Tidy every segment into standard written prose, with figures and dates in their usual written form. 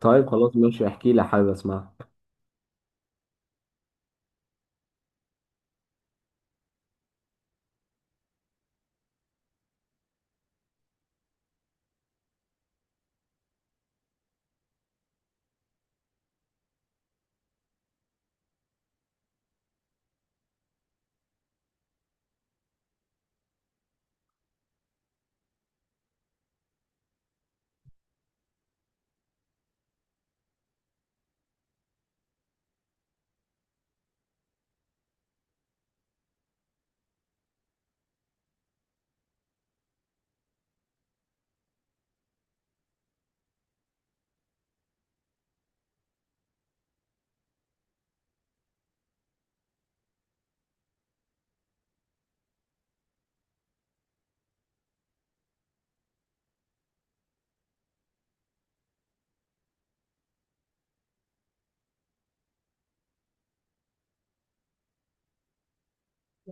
طيب خلاص ماشي احكي لي حابب اسمعها.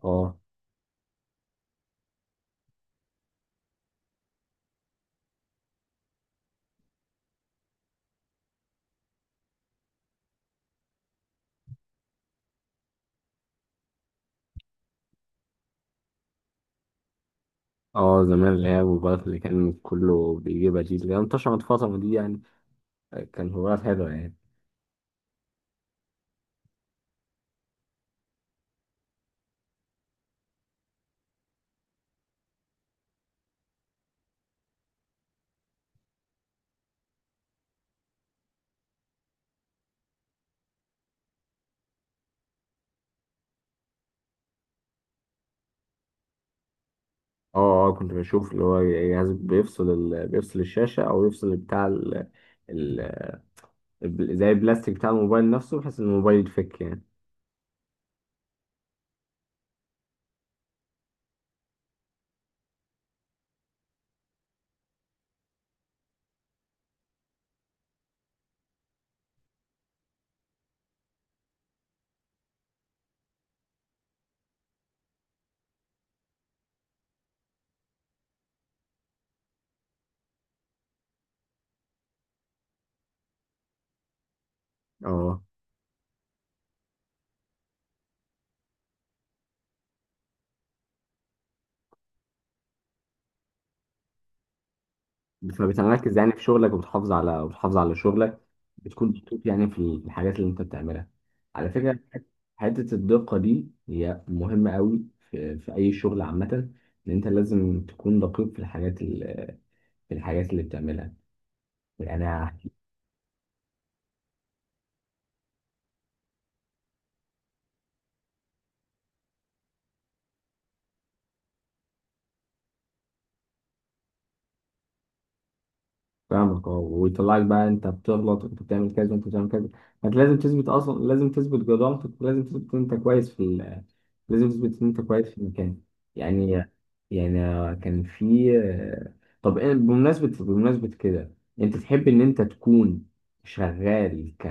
اه، اه زمان اللي هي الموبايلات اللي كان كله بيجيبها دي اللي هي انتشرت الفترة دي يعني. كان موبايلات حلوة يعني. اه، اه كنت بشوف اللي هو جهاز بيفصل بيفصل الشاشة او يفصل بتاع ال... زي البلاستيك بتاع الموبايل نفسه بحيث ان الموبايل يتفك يعني. اه، فبتركز يعني في شغلك وبتحافظ على شغلك. بتكون مبسوط يعني في الحاجات اللي انت بتعملها. على فكرة حتة الدقة دي هي مهمة قوي في أي شغل عامة. إن أنت لازم تكون دقيق في في الحاجات اللي بتعملها يعني. فاهمك. اه، ويطلعك بقى انت بتغلط وانت بتعمل كذا وانت بتعمل كذا. انت لازم تثبت اصلا، لازم تثبت جدارتك، ولازم تثبت ان انت كويس في لازم تثبت ان انت كويس في المكان يعني. يعني كان في، بمناسبة كده، انت تحب ان انت تكون شغال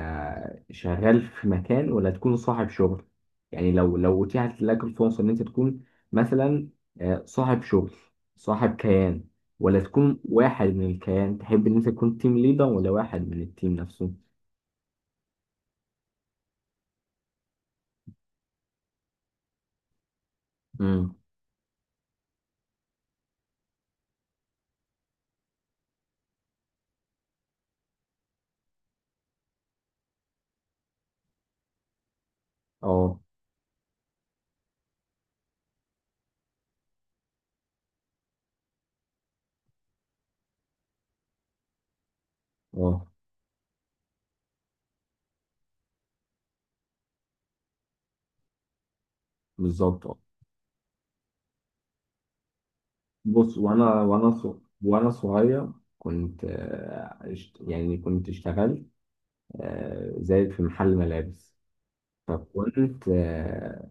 شغال في مكان ولا تكون صاحب شغل؟ يعني لو اتيحت لك الفرصة ان انت تكون مثلا، صاحب شغل، صاحب كيان، ولا تكون واحد من الكيان؟ تحب ان انت تكون تيم ليدر ولا واحد من التيم نفسه؟ امم، اه، اه بالظبط. اه، بص وانا صغير كنت يعني كنت اشتغلت زي في محل ملابس. فكنت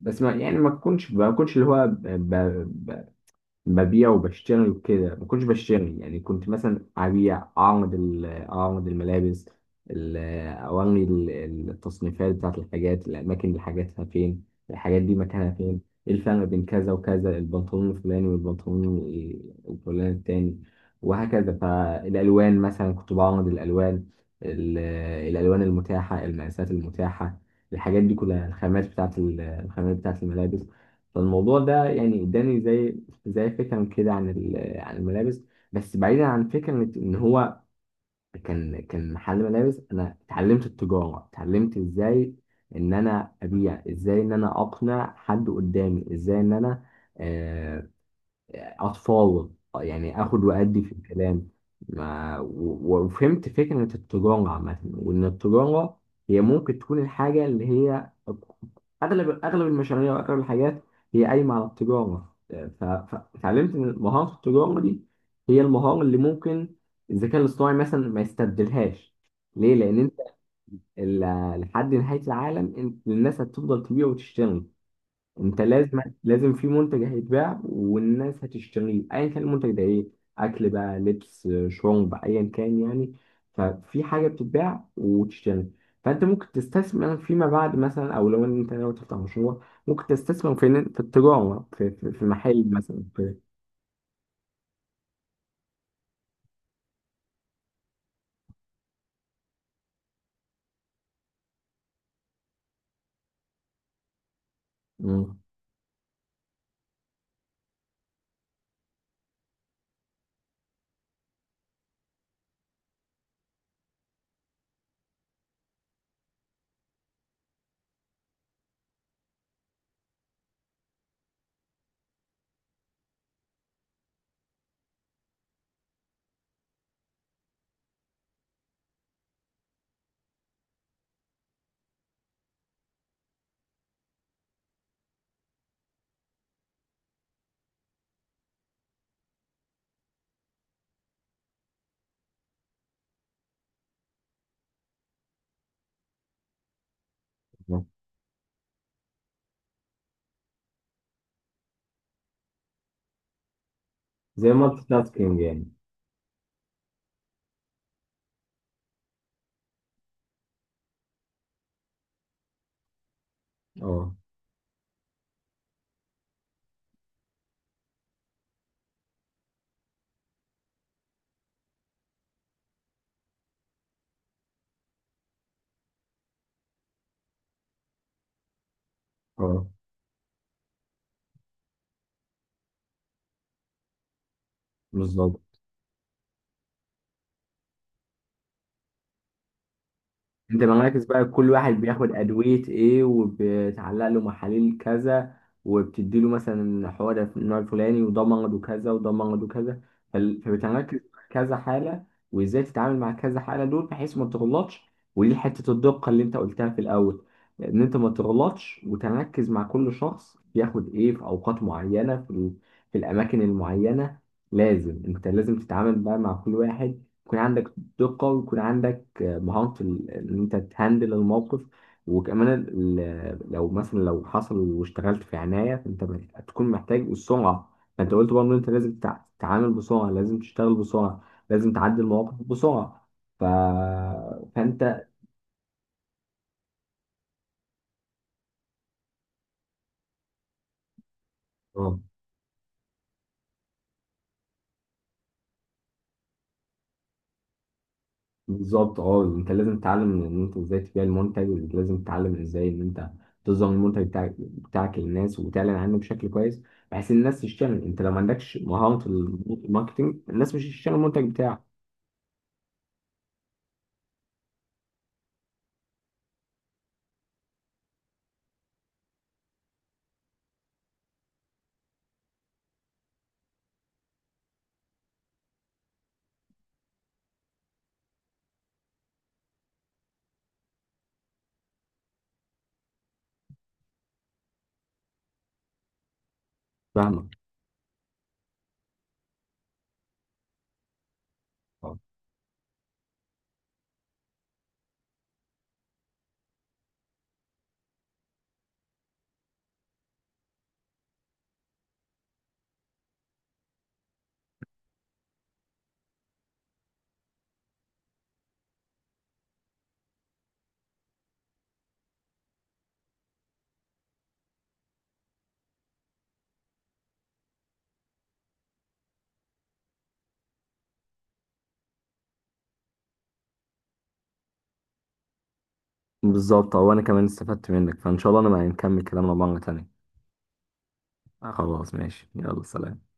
بس ما يعني ما كنتش اللي هو ببيع وبشتري وكده، ما كنتش بشتري يعني. كنت مثلا ابيع، اعرض اعرض الملابس، ال- اوري التصنيفات بتاعت الحاجات، الاماكن اللي حاجاتها فين، الحاجات دي مكانها فين، ايه الفرق بين كذا وكذا، البنطلون الفلاني والبنطلون الفلاني التاني وهكذا. فالالوان مثلا كنت بعرض الالوان، ال- الالوان المتاحه، المقاسات المتاحه، الحاجات دي كلها، الخامات بتاعت الخامات بتاعت الملابس. فالموضوع ده يعني اداني زي، زي فكرة كده عن عن الملابس. بس بعيدا عن فكرة إن هو كان محل ملابس، أنا اتعلمت التجارة، اتعلمت إزاي إن أنا أبيع، إزاي إن أنا أقنع حد قدامي، إزاي إن أنا آه، أتفاوض يعني، آخد وأدي في الكلام. ما و- وفهمت فكرة التجارة عامة، وإن التجارة هي ممكن تكون الحاجة اللي هي، أغلب المشاريع وأغلب الحاجات هي قايمة على التجارة. فتعلمت إن مهارة التجارة دي هي المهارة اللي ممكن الذكاء الاصطناعي مثلا ما يستبدلهاش. ليه؟ لأن لحد نهاية العالم الناس هتفضل تبيع وتشتري. انت لازم، لازم في منتج هيتباع والناس هتشتريه، ايا كان المنتج ده ايه، اكل بقى، لبس، شرب، ايا كان يعني. ففي حاجه بتتباع وتشتري. فانت ممكن تستثمر فيما بعد مثلا، او لو انت ناوي تفتح مشروع ممكن تستثمر في، في التجاره، في محل مثلا، في. مم. زي مالتي تاسكينج يعني. اه، اه بالظبط. انت مراكز بقى كل واحد بياخد ادويه ايه، وبتعلق له محاليل كذا، وبتدي له مثلا حوار النوع الفلاني، وده مرض وكذا وده مرض وكذا. فبتركز مع كذا حاله، وازاي تتعامل مع كذا حاله دول بحيث ما تغلطش. ودي حته الدقه اللي انت قلتها في الاول، ان انت ما تغلطش وتركز مع كل شخص بياخد ايه في اوقات معينه في في الاماكن المعينه. لازم انت لازم تتعامل بقى مع كل واحد، يكون عندك دقه، ويكون عندك مهارة إن أنت تهندل الموقف. وكمان لو مثلا لو حصل واشتغلت في عناية فأنت هتكون محتاج السرعة. فأنت قلت برضه إن أنت لازم تتعامل بسرعة، لازم تشتغل بسرعة، لازم تعدي المواقف بسرعة. ف... فأنت. اه بالظبط. اه انت لازم تتعلم ان انت ازاي تبيع المنتج، لازم تتعلم ازاي ان انت تظهر المنتج بتاعك للناس، وتعلن عنه بشكل كويس بحيث الناس تشتغل. انت لو ما عندكش مهارة الماركتينج الناس مش هتشتغل المنتج بتاعك. فاهمك. آه. بالظبط. هو انا كمان استفدت منك، فان شاء الله انا ما نكمل كلامنا مرة تانية. آه، خلاص ماشي، يلا سلام.